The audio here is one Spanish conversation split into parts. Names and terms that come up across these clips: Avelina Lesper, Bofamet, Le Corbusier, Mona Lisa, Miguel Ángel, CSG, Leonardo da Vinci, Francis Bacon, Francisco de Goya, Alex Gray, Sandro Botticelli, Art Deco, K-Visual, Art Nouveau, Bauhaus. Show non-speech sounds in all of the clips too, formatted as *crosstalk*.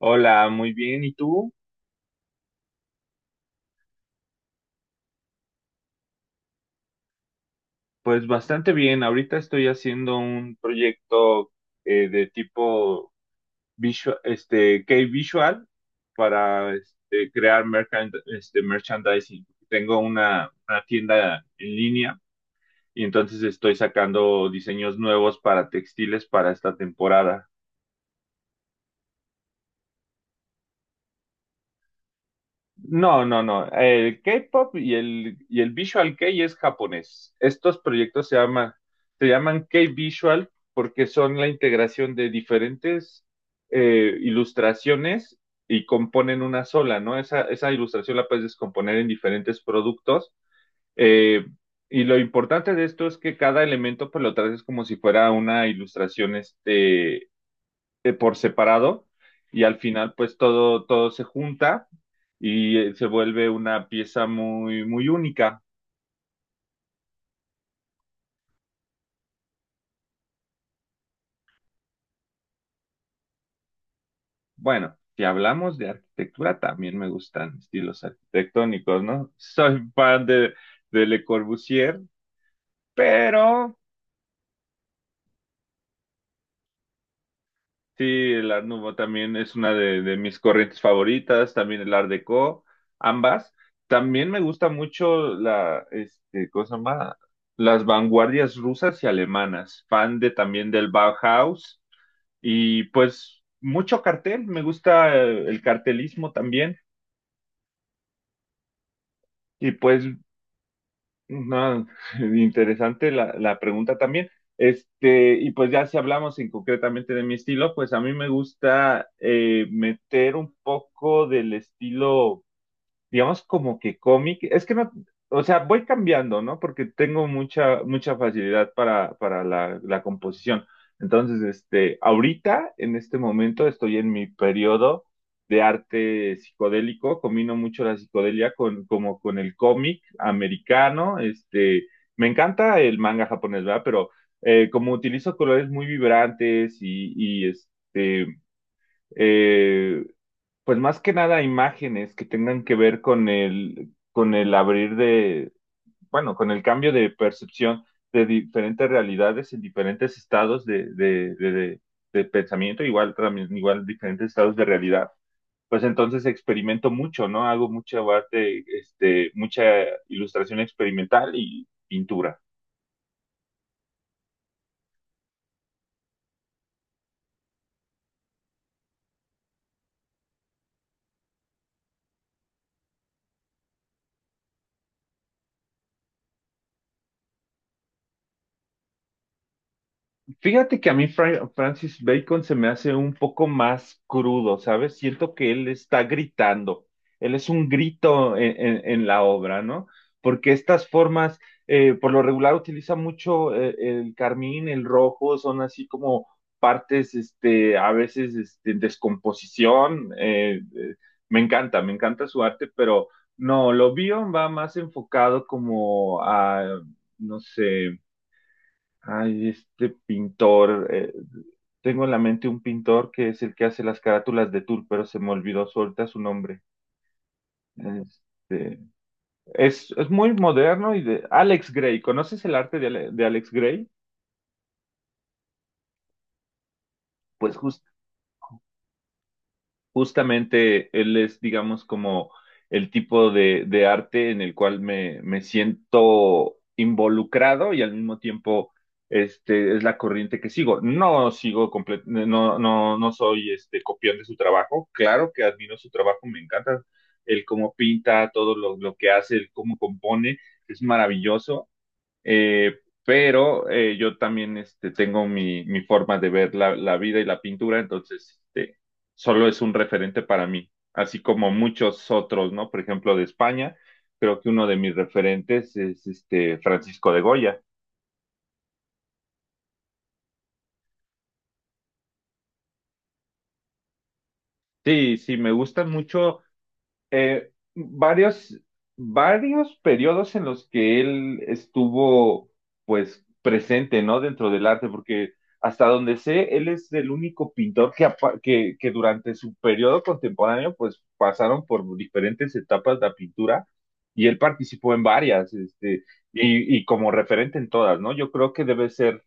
Hola, muy bien. ¿Y tú? Pues bastante bien. Ahorita estoy haciendo un proyecto de tipo visual, este, K-Visual para este, crear merchandising. Tengo una tienda en línea y entonces estoy sacando diseños nuevos para textiles para esta temporada. No, no, no. El K-pop y y el Visual Kei es japonés. Estos proyectos se llaman K-Visual porque son la integración de diferentes ilustraciones y componen una sola, ¿no? Esa ilustración la puedes descomponer en diferentes productos. eh, y lo importante de esto es que cada elemento, pues lo traes como si fuera una ilustración, este por separado y al final pues todo se junta y se vuelve una pieza muy, muy única. Bueno, si hablamos de arquitectura, también me gustan estilos arquitectónicos, ¿no? Soy fan de, Le Corbusier, pero sí, el Art Nouveau también es una de mis corrientes favoritas, también el Art Deco, ambas. También me gusta mucho la, este, ¿cómo se llama? Las vanguardias rusas y alemanas, fan de también del Bauhaus y pues mucho cartel, me gusta el cartelismo también y pues no, *laughs* interesante la pregunta también. Este, y pues ya si hablamos en concretamente de mi estilo, pues a mí me gusta meter un poco del estilo digamos, como que cómic. Es que no, o sea, voy cambiando, ¿no? Porque tengo mucha, mucha facilidad para la composición. Entonces, este, ahorita, en este momento, estoy en mi periodo de arte psicodélico, combino mucho la psicodelia con, como con el cómic americano, este, me encanta el manga japonés, ¿verdad? Pero como utilizo colores muy vibrantes y, este, eh, pues más que nada imágenes que tengan que ver con el con el abrir de, bueno, con el cambio de percepción de diferentes realidades en diferentes estados de pensamiento, igual también, igual diferentes estados de realidad. Pues entonces experimento mucho, ¿no? Hago mucha arte, este, mucha ilustración experimental y pintura. Fíjate que a mí Francis Bacon se me hace un poco más crudo, ¿sabes? Siento que él está gritando, él es un grito en, en la obra, ¿no? Porque estas formas, por lo regular utiliza mucho el carmín, el rojo, son así como partes, este, a veces, este, en descomposición. Me encanta, me encanta su arte, pero no, lo Bion va más enfocado como a, no sé. Ay, este pintor, tengo en la mente un pintor que es el que hace las carátulas de Tour, pero se me olvidó suelta su nombre. Este, es, muy moderno y de Alex Gray. ¿Conoces el arte de, de Alex Gray? Pues Justamente él es, digamos, como el tipo de, arte en el cual me, siento involucrado y al mismo tiempo este, es la corriente que sigo. No sigo no, no, no soy este, copión de su trabajo. Claro que admiro su trabajo, me encanta el cómo pinta, todo lo que hace, el cómo compone, es maravilloso. Pero yo también este, tengo mi forma de ver la vida y la pintura, entonces este, solo es un referente para mí, así como muchos otros, ¿no? Por ejemplo, de España, creo que uno de mis referentes es este Francisco de Goya. Sí, sí, me gustan mucho varios, varios periodos en los que él estuvo, pues, presente, ¿no? Dentro del arte, porque hasta donde sé, él es el único pintor que, que durante su periodo contemporáneo, pues, pasaron por diferentes etapas de la pintura y él participó en varias, este, y, como referente en todas, ¿no? Yo creo que debe ser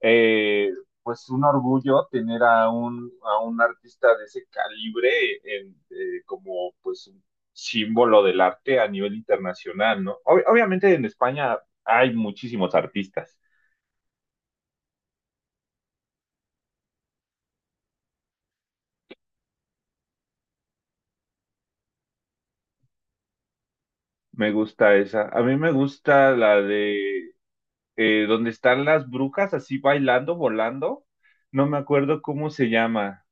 eh, pues un orgullo tener a un artista de ese calibre en, como pues un símbolo del arte a nivel internacional, ¿no? Obviamente en España hay muchísimos artistas. Me gusta esa. A mí me gusta la de donde están las brujas así bailando, volando. No me acuerdo cómo se llama.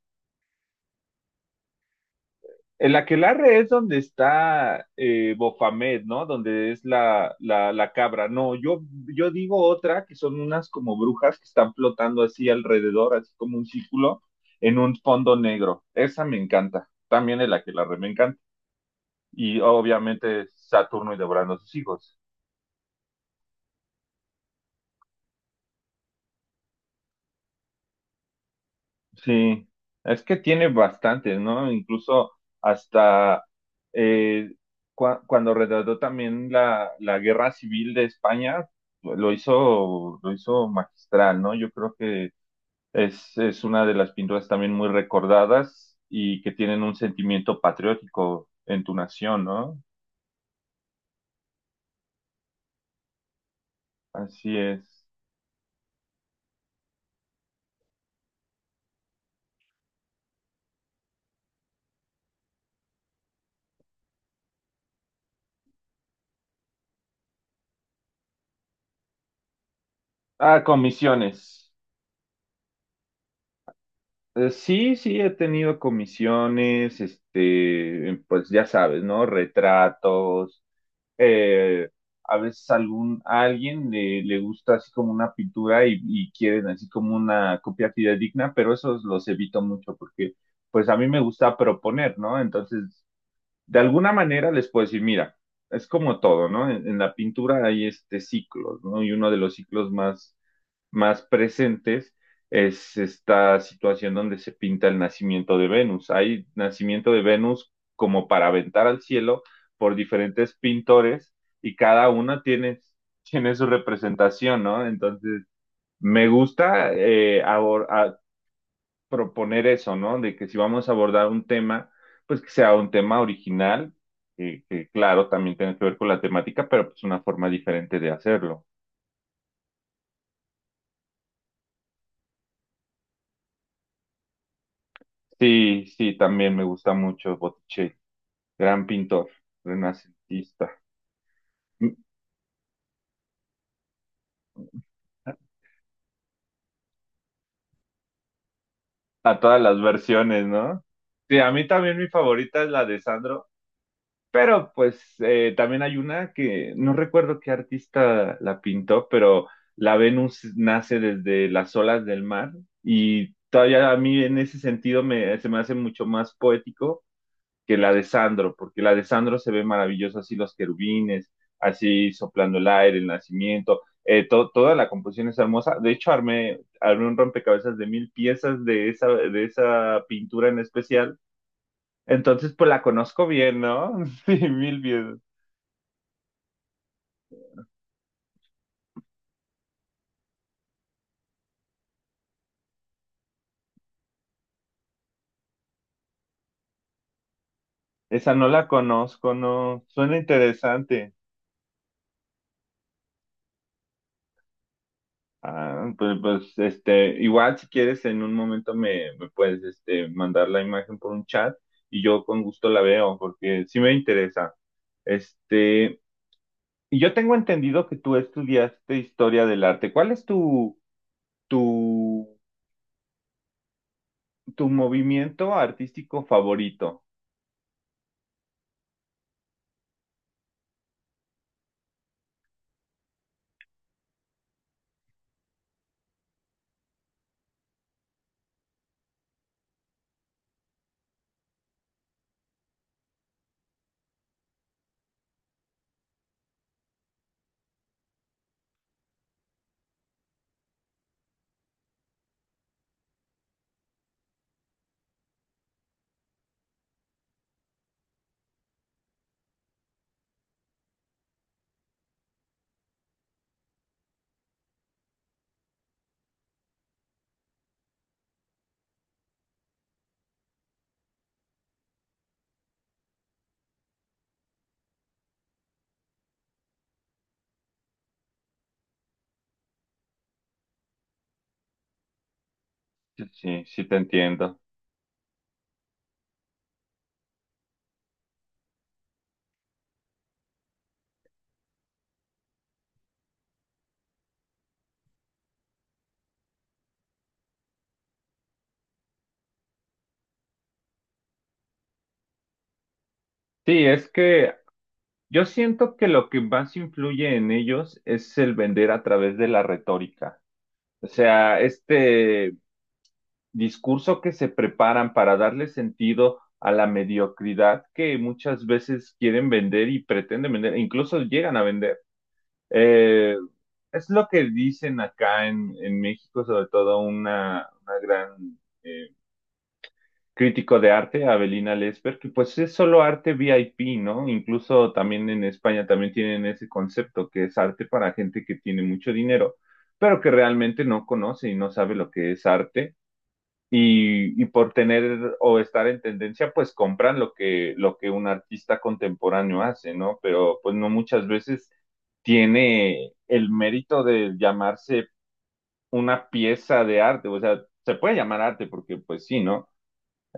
El aquelarre es donde está Bofamet, ¿no? Donde es la cabra. No, yo, digo otra que son unas como brujas que están flotando así alrededor, así como un círculo, en un fondo negro. Esa me encanta. También el aquelarre me encanta. Y obviamente Saturno y devorando a sus hijos. Sí, es que tiene bastantes, ¿no? Incluso hasta eh, cuando retrató también la guerra civil de España, pues, lo hizo magistral, ¿no? Yo creo que es, una de las pinturas también muy recordadas y que tienen un sentimiento patriótico en tu nación, ¿no? Así es. Ah, comisiones. Sí, sí, he tenido comisiones, este, pues ya sabes, ¿no? Retratos eh, a veces a alguien le, gusta así como una pintura y, quieren así como una copia fidedigna, pero esos los evito mucho porque pues a mí me gusta proponer, ¿no? Entonces, de alguna manera les puedo decir, mira, es como todo, ¿no? En, la pintura hay este ciclos, ¿no? Y uno de los ciclos más más presentes es esta situación donde se pinta el nacimiento de Venus. Hay nacimiento de Venus como para aventar al cielo por diferentes pintores y cada una tiene, *laughs* tiene su representación, ¿no? Entonces, me gusta proponer eso, ¿no? De que si vamos a abordar un tema, pues que sea un tema original, que, claro, también tiene que ver con la temática, pero pues una forma diferente de hacerlo. Sí, sí, también me gusta mucho Botticelli. Gran pintor, renacentista. A todas las versiones, ¿no? Sí, a mí también mi favorita es la de Sandro, pero pues también hay una que no recuerdo qué artista la pintó, pero la Venus nace desde las olas del mar y todavía a mí en ese sentido me, se me hace mucho más poético que la de Sandro, porque la de Sandro se ve maravillosa, así los querubines, así soplando el aire, el nacimiento, to toda la composición es hermosa. De hecho, armé, un rompecabezas de 1.000 piezas de esa pintura en especial. Entonces, pues la conozco bien, ¿no? *laughs* Sí, 1.000 piezas. Esa no la conozco, no. Suena interesante. Ah, pues, este, igual si quieres en un momento me, puedes, este, mandar la imagen por un chat y yo con gusto la veo porque sí me interesa. Este, y yo tengo entendido que tú estudiaste historia del arte. ¿Cuál es tu, tu movimiento artístico favorito? Sí, sí, sí te entiendo. Sí, es que yo siento que lo que más influye en ellos es el vender a través de la retórica. O sea, este discurso que se preparan para darle sentido a la mediocridad que muchas veces quieren vender y pretenden vender, e incluso llegan a vender. Eh, es lo que dicen acá en, México, sobre todo una, gran crítico de arte, Avelina Lesper, que pues es solo arte VIP, ¿no? Incluso también en España también tienen ese concepto que es arte para gente que tiene mucho dinero, pero que realmente no conoce y no sabe lo que es arte y, por tener o estar en tendencia, pues compran lo que un artista contemporáneo hace, ¿no? Pero pues no muchas veces tiene el mérito de llamarse una pieza de arte, o sea, se puede llamar arte porque pues sí, ¿no?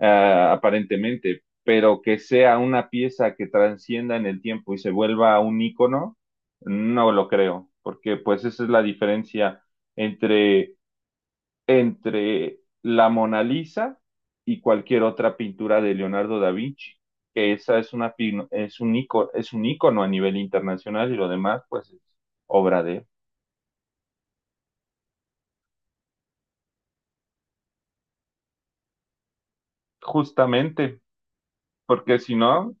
Ah, aparentemente, pero que sea una pieza que transcienda en el tiempo y se vuelva un ícono, no lo creo, porque pues esa es la diferencia entre la Mona Lisa y cualquier otra pintura de Leonardo da Vinci, que esa es una es un icono, es un ícono a nivel internacional y lo demás pues es obra de él. Justamente, porque si no,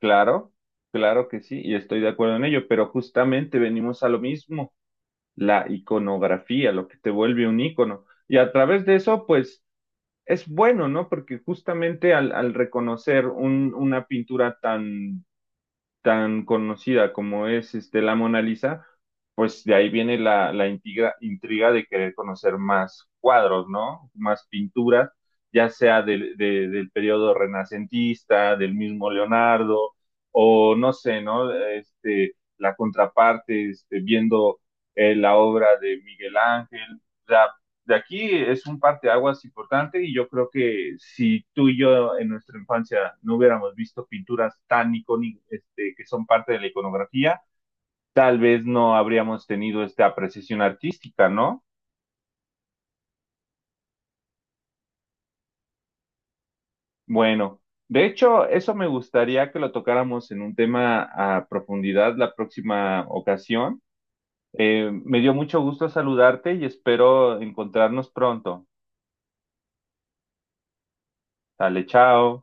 claro, claro que sí, y estoy de acuerdo en ello, pero justamente venimos a lo mismo, la iconografía, lo que te vuelve un ícono. Y a través de eso, pues es bueno, ¿no? Porque justamente al reconocer una pintura tan tan conocida como es este, la Mona Lisa, pues de ahí viene la, intriga, intriga de querer conocer más cuadros, ¿no? Más pinturas, ya sea del periodo renacentista, del mismo Leonardo, o no sé, ¿no? Este, la contraparte, este, viendo la obra de Miguel Ángel. O sea, de aquí es un parteaguas importante y yo creo que si tú y yo en nuestra infancia no hubiéramos visto pinturas tan icónicas este, que son parte de la iconografía, tal vez no habríamos tenido esta apreciación artística, ¿no? Bueno, de hecho, eso me gustaría que lo tocáramos en un tema a profundidad la próxima ocasión. Me dio mucho gusto saludarte y espero encontrarnos pronto. Dale, chao.